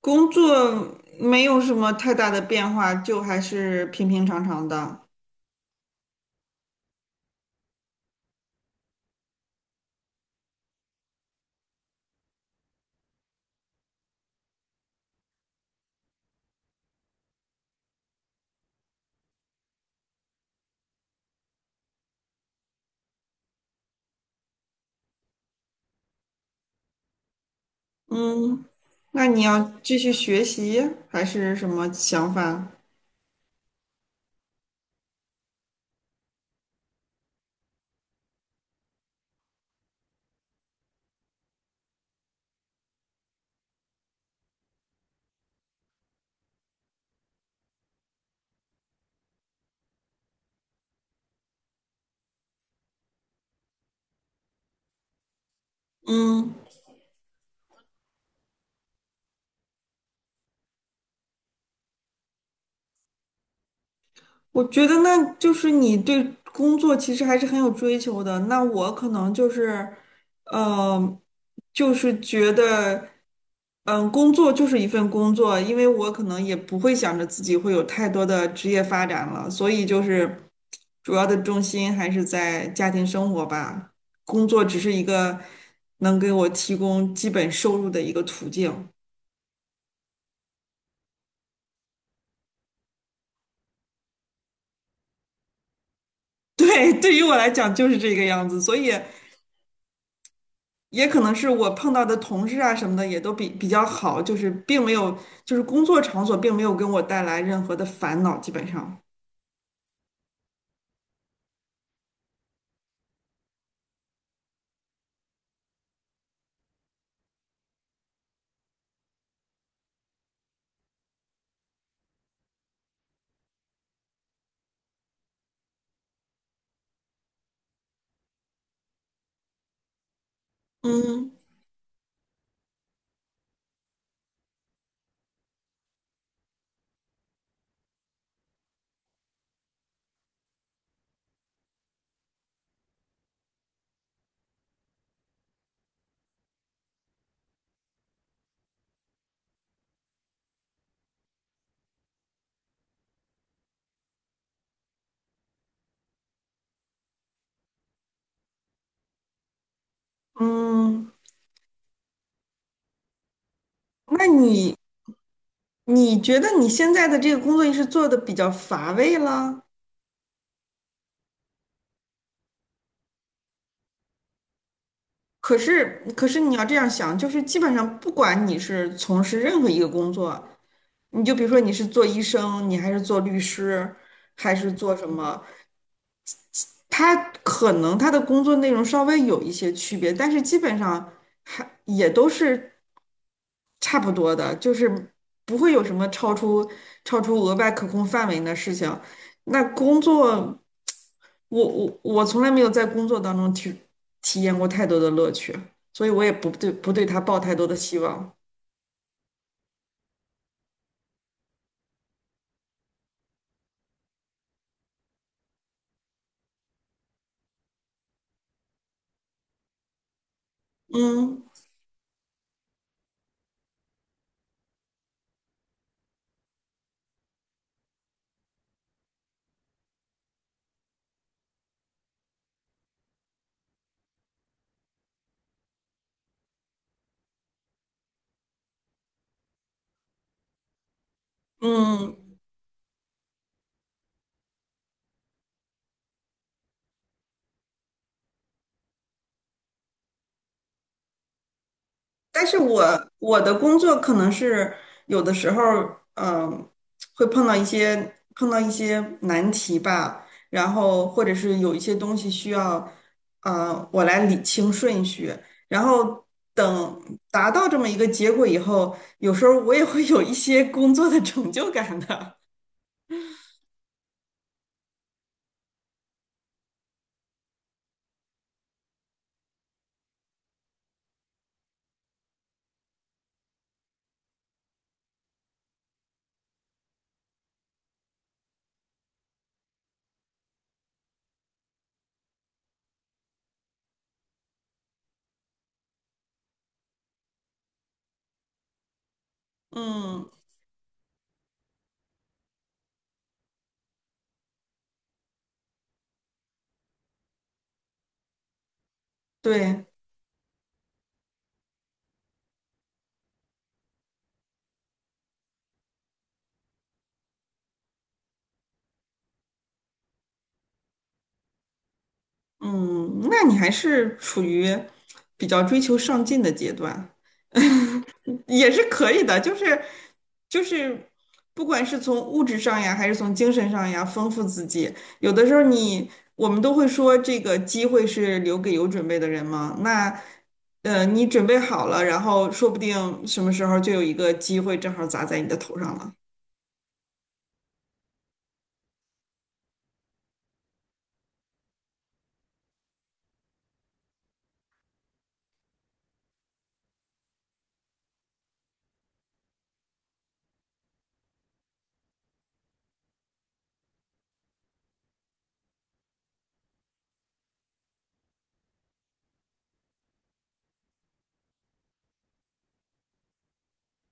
工作没有什么太大的变化，就还是平平常常的。嗯，那你要继续学习还是什么想法？嗯。我觉得那就是你对工作其实还是很有追求的。那我可能就是，呃，就是觉得，嗯，工作就是一份工作，因为我可能也不会想着自己会有太多的职业发展了，所以就是主要的重心还是在家庭生活吧。工作只是一个能给我提供基本收入的一个途径。对，对于我来讲就是这个样子，所以。也可能是我碰到的同事啊什么的也都比较好，就是并没有，就是工作场所并没有给我带来任何的烦恼，基本上。嗯嗯，那你觉得你现在的这个工作是做的比较乏味了？可是你要这样想，就是基本上不管你是从事任何一个工作，你就比如说你是做医生，你还是做律师，还是做什么？他可能他的工作内容稍微有一些区别，但是基本上还也都是差不多的，就是不会有什么超出额外可控范围的事情。那工作，我从来没有在工作当中体验过太多的乐趣，所以我也不对他抱太多的希望。嗯嗯，但是我的工作可能是有的时候，嗯、会碰到一些难题吧，然后或者是有一些东西需要，我来理清顺序，然后等达到这么一个结果以后，有时候我也会有一些工作的成就感的，嗯，对。嗯，那你还是处于比较追求上进的阶段，也是可以的。就是，不管是从物质上呀，还是从精神上呀，丰富自己。有的时候我们都会说，这个机会是留给有准备的人嘛。那你准备好了，然后说不定什么时候就有一个机会正好砸在你的头上了。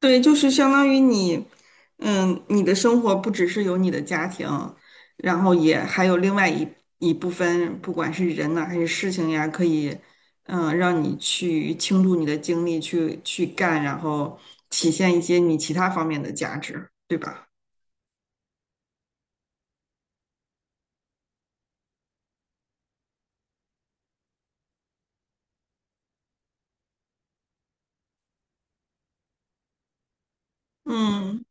对，就是相当于你，嗯，你的生活不只是有你的家庭，然后也还有另外一一部分，不管是人呐、还是事情呀，可以，嗯，让你去倾注你的精力去干，然后体现一些你其他方面的价值，对吧？嗯，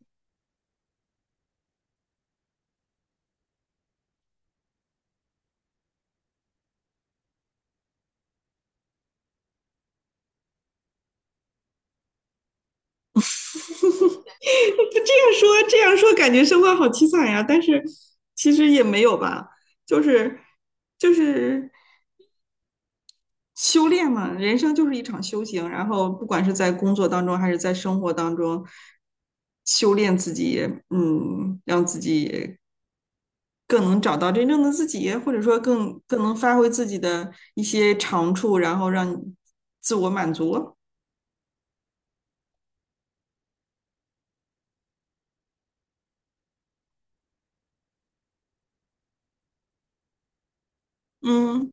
这样说，感觉生活好凄惨呀，但是其实也没有吧，就是就是。修炼嘛，人生就是一场修行，然后不管是在工作当中还是在生活当中，修炼自己，嗯，让自己更能找到真正的自己，或者说更能发挥自己的一些长处，然后让自我满足。嗯，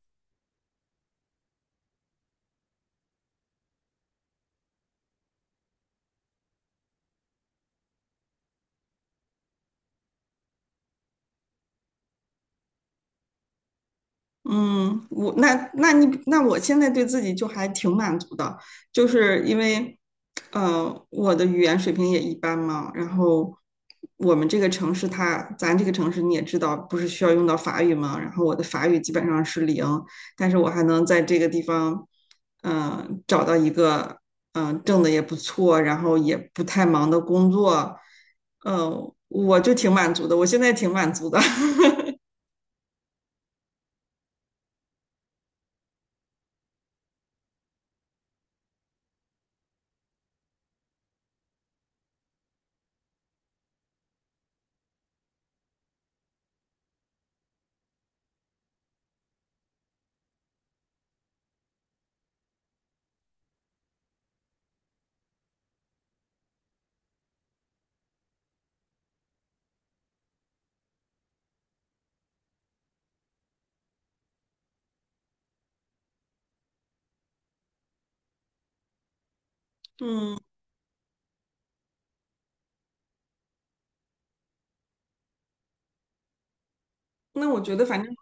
嗯，我那那你那我现在对自己就还挺满足的，就是因为，我的语言水平也一般嘛，然后我们这个城市它，咱这个城市你也知道，不是需要用到法语嘛，然后我的法语基本上是零，但是我还能在这个地方，嗯，找到一个挣的也不错，然后也不太忙的工作，嗯，我现在挺满足的，嗯，那我觉得反正。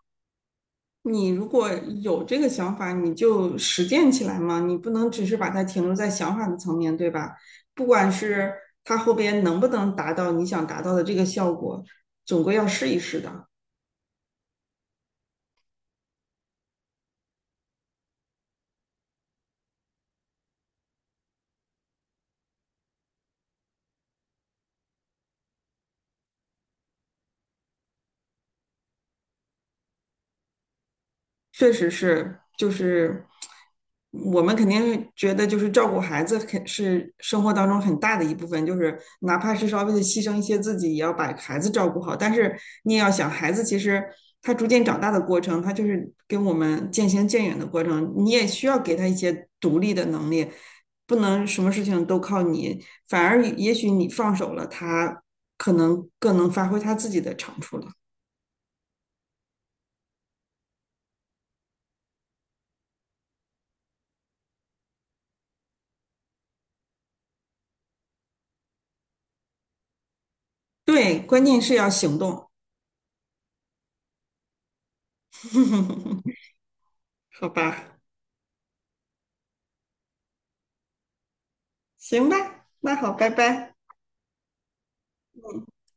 你如果有这个想法，你就实践起来嘛，你不能只是把它停留在想法的层面，对吧？不管是它后边能不能达到你想达到的这个效果，总归要试一试的。确实是，就是我们肯定觉得，就是照顾孩子肯是生活当中很大的一部分，就是哪怕是稍微的牺牲一些自己，也要把孩子照顾好。但是你也要想，孩子其实他逐渐长大的过程，他就是跟我们渐行渐远的过程，你也需要给他一些独立的能力，不能什么事情都靠你，反而也许你放手了，他可能更能发挥他自己的长处了。对，关键是要行动。好吧，行吧，那好，拜拜。嗯。